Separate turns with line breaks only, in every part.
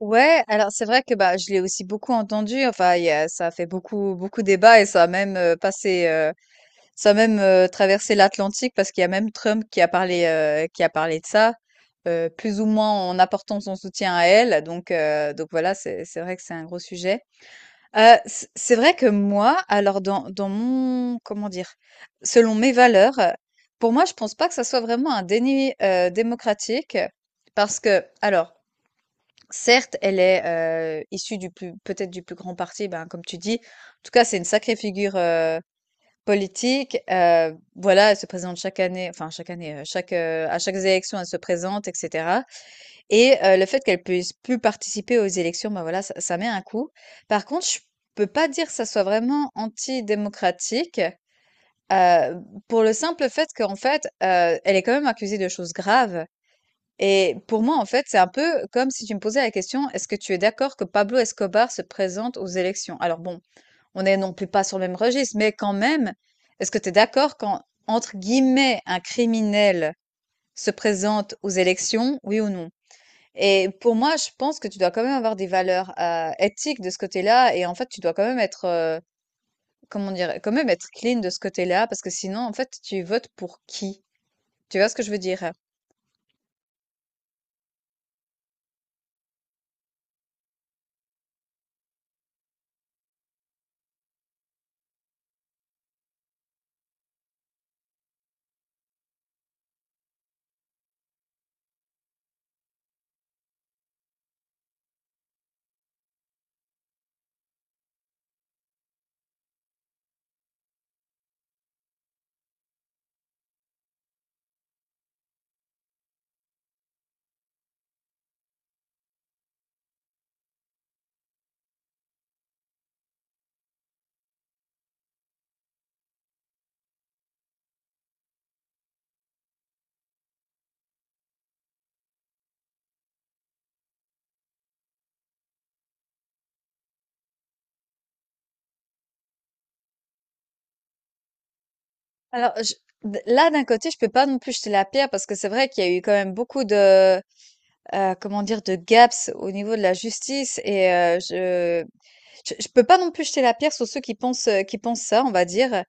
Ouais, alors c'est vrai que, bah, je l'ai aussi beaucoup entendu, enfin il y a ça a fait beaucoup beaucoup débat et ça a même traversé l'Atlantique parce qu'il y a même Trump qui a parlé, qui a parlé de ça, plus ou moins en apportant son soutien à elle. Donc voilà, c'est vrai que c'est un gros sujet. C'est vrai que moi, alors dans mon, comment dire? Selon mes valeurs, pour moi, je pense pas que ça soit vraiment un déni démocratique, parce que alors certes, elle est issue du plus, peut-être du plus grand parti, ben, comme tu dis. En tout cas, c'est une sacrée figure politique. Voilà, elle se présente chaque année, enfin chaque année, à chaque élection, elle se présente, etc. Et le fait qu'elle puisse plus participer aux élections, ben voilà, ça met un coup. Par contre, je peux pas dire que ça soit vraiment antidémocratique, euh, pour le simple fait qu'en fait, elle est quand même accusée de choses graves. Et pour moi, en fait, c'est un peu comme si tu me posais la question: est-ce que tu es d'accord que Pablo Escobar se présente aux élections? Alors bon, on n'est non plus pas sur le même registre, mais quand même, est-ce que tu es d'accord quand, entre guillemets, un criminel se présente aux élections, oui ou non? Et pour moi, je pense que tu dois quand même avoir des valeurs éthiques de ce côté-là, et en fait, tu dois quand même être clean de ce côté-là, parce que sinon, en fait, tu votes pour qui? Tu vois ce que je veux dire? Alors, là, d'un côté, je peux pas non plus jeter la pierre parce que c'est vrai qu'il y a eu quand même beaucoup de gaps au niveau de la justice et je peux pas non plus jeter la pierre sur ceux qui pensent ça, on va dire.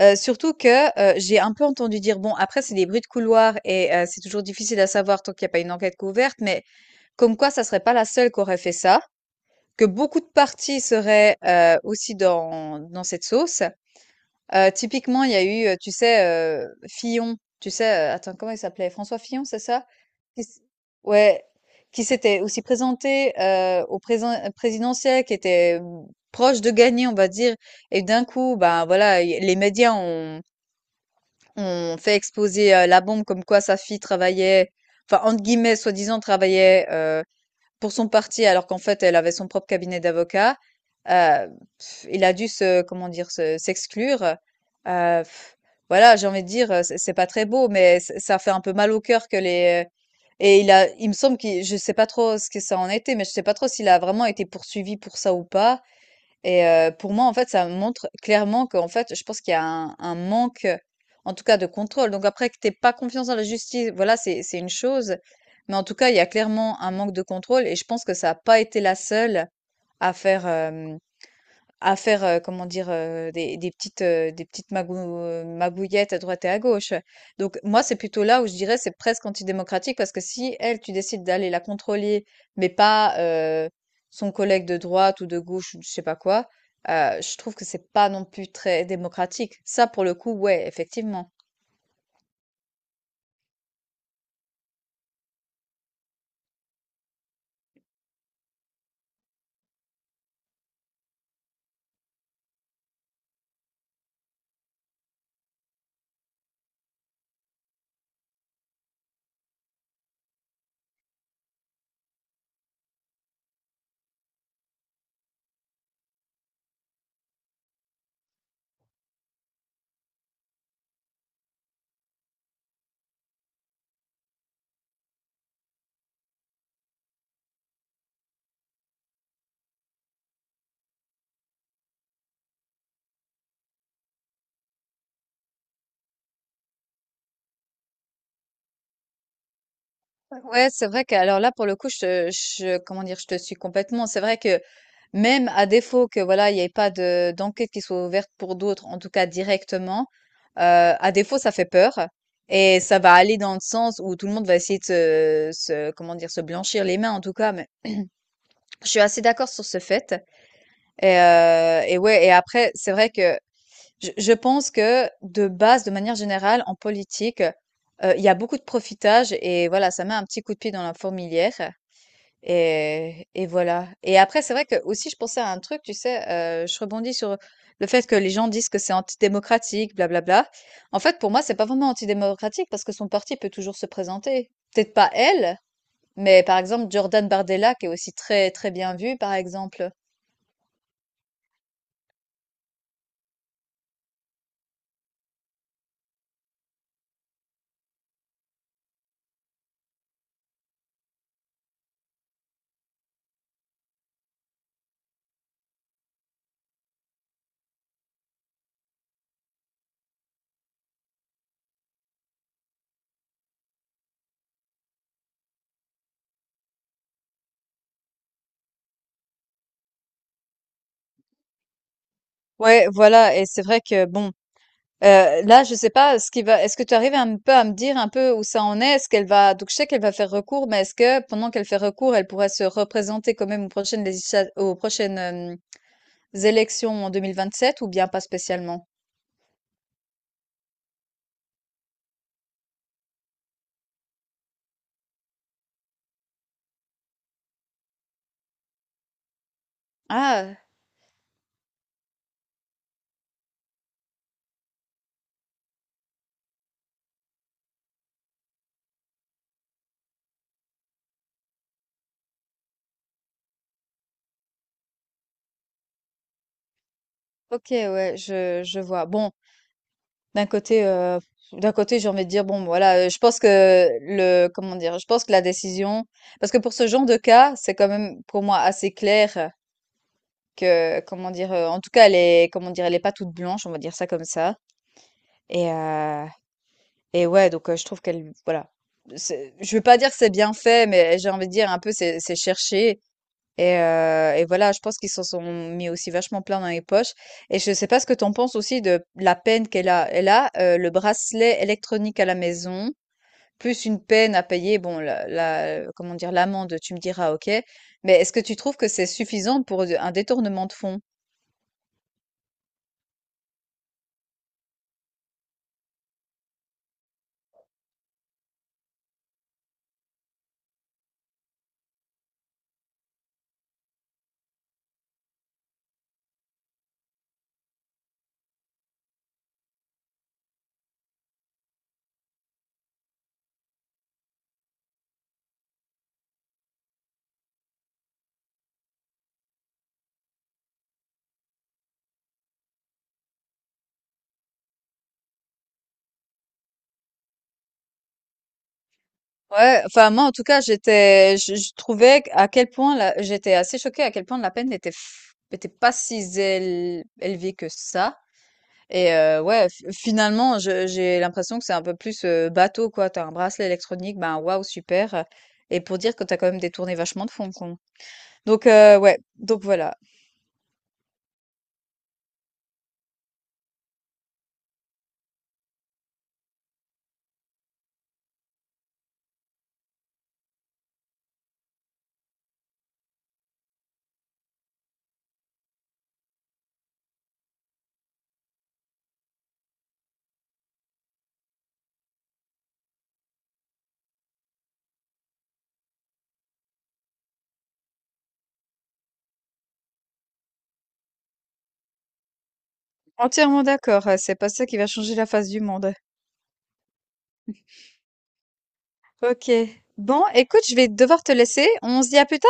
Surtout que j'ai un peu entendu dire, bon, après, c'est des bruits de couloir et c'est toujours difficile à savoir tant qu'il n'y a pas une enquête couverte, mais comme quoi, ça serait pas la seule qui aurait fait ça. Que beaucoup de parties seraient aussi dans cette sauce. Typiquement, il y a eu, tu sais, Fillon, tu sais, attends, comment il s'appelait? François Fillon, c'est ça? Qui s ouais, qui s'était aussi présenté, au présen présidentiel, qui était proche de gagner, on va dire, et d'un coup, ben, voilà, il les médias ont fait exploser, la bombe, comme quoi sa fille travaillait, enfin, entre guillemets, soi-disant travaillait, pour son parti, alors qu'en fait, elle avait son propre cabinet d'avocats. Heu, il a dû se, comment dire? Se s'exclure, heu, voilà. J'ai envie de dire, c'est pas très beau, mais ç ça fait un peu mal au cœur que les et il a il me semble, qu'il je sais pas trop ce que ça en était, mais je sais pas trop s'il a vraiment été poursuivi pour ça ou pas. Et pour moi, en fait, ça montre clairement qu'en fait, je pense qu'il y a un manque, en tout cas de contrôle. Donc après que t'aies pas confiance en la justice, voilà, c'est une chose. Mais en tout cas, il y a clairement un manque de contrôle et je pense que ça a pas été la seule à faire, hem à faire, des petites magouillettes à droite et à gauche. Donc moi, c'est plutôt là où je dirais c'est presque antidémocratique parce que si elle, tu décides d'aller la contrôler, mais pas, son collègue de droite ou de gauche ou je sais pas quoi, je trouve que c'est pas non plus très démocratique. Ça, pour le coup, ouais, effectivement. Ouais, c'est vrai que, alors là, pour le coup, je te je comment dire? Je te suis complètement. C'est vrai que même à défaut que voilà, il n'y ait pas de d'enquête qui soit ouverte pour d'autres, en tout cas directement, à défaut, ça fait peur. Et ça va aller dans le sens où tout le monde va essayer de se, comment dire, se blanchir les mains, en tout cas. Mais je suis assez d'accord sur ce fait. Et ouais, et après, c'est vrai que je pense que de base, de manière générale, en politique, il y a beaucoup de profitage et voilà, ça met un petit coup de pied dans la fourmilière. Et voilà. Et après, c'est vrai que aussi, je pensais à un truc, tu sais, je rebondis sur le fait que les gens disent que c'est antidémocratique, blablabla. En fait, pour moi, c'est pas vraiment antidémocratique parce que son parti peut toujours se présenter. Peut-être pas elle, mais par exemple, Jordan Bardella, qui est aussi très, très bien vu, par exemple. Ouais, voilà. Et c'est vrai que, bon, là, je sais pas ce qui va, est-ce que tu arrives un peu à me dire un peu où ça en est? Est-ce qu'elle va, donc je sais qu'elle va faire recours, mais est-ce que pendant qu'elle fait recours, elle pourrait se représenter quand même aux prochaines, hem, élections en 2027 ou bien pas spécialement? Ah, OK, ouais, je vois. Bon, d'un côté, j'ai envie de dire: «Bon, voilà», je pense que le comment dire? Je pense que la décision, parce que pour ce genre de cas, c'est quand même pour moi assez clair, que, comment dire? En tout cas, elle est, comment dire? Elle est pas toute blanche, on va dire ça comme ça. Et heu et ouais, donc je trouve qu'elle, voilà, c'est je veux pas dire que c'est bien fait, mais j'ai envie de dire un peu c'est cherché, et voilà, je pense qu'ils s'en sont mis aussi vachement plein dans les poches et je sais pas ce que t'en penses aussi de la peine qu'elle a. Elle a, le bracelet électronique à la maison, plus une peine à payer, bon, la la comment dire? L'amende, tu me diras OK, mais est-ce que tu trouves que c'est suffisant pour un détournement de fonds? Ouais, enfin moi, en tout cas, j'étais, je trouvais à quel point j'étais assez choquée à quel point la peine n'était pas si élevée que ça. Et ouais, finalement, j'ai l'impression que c'est un peu plus bateau quoi. T'as un bracelet électronique, ben waouh super. Et pour dire que t'as quand même détourné vachement de fonds con. Donc ouais, donc voilà. Entièrement d'accord. C'est pas ça qui va changer la face du monde. Ok. Bon, écoute, je vais devoir te laisser. On se dit à plus tard.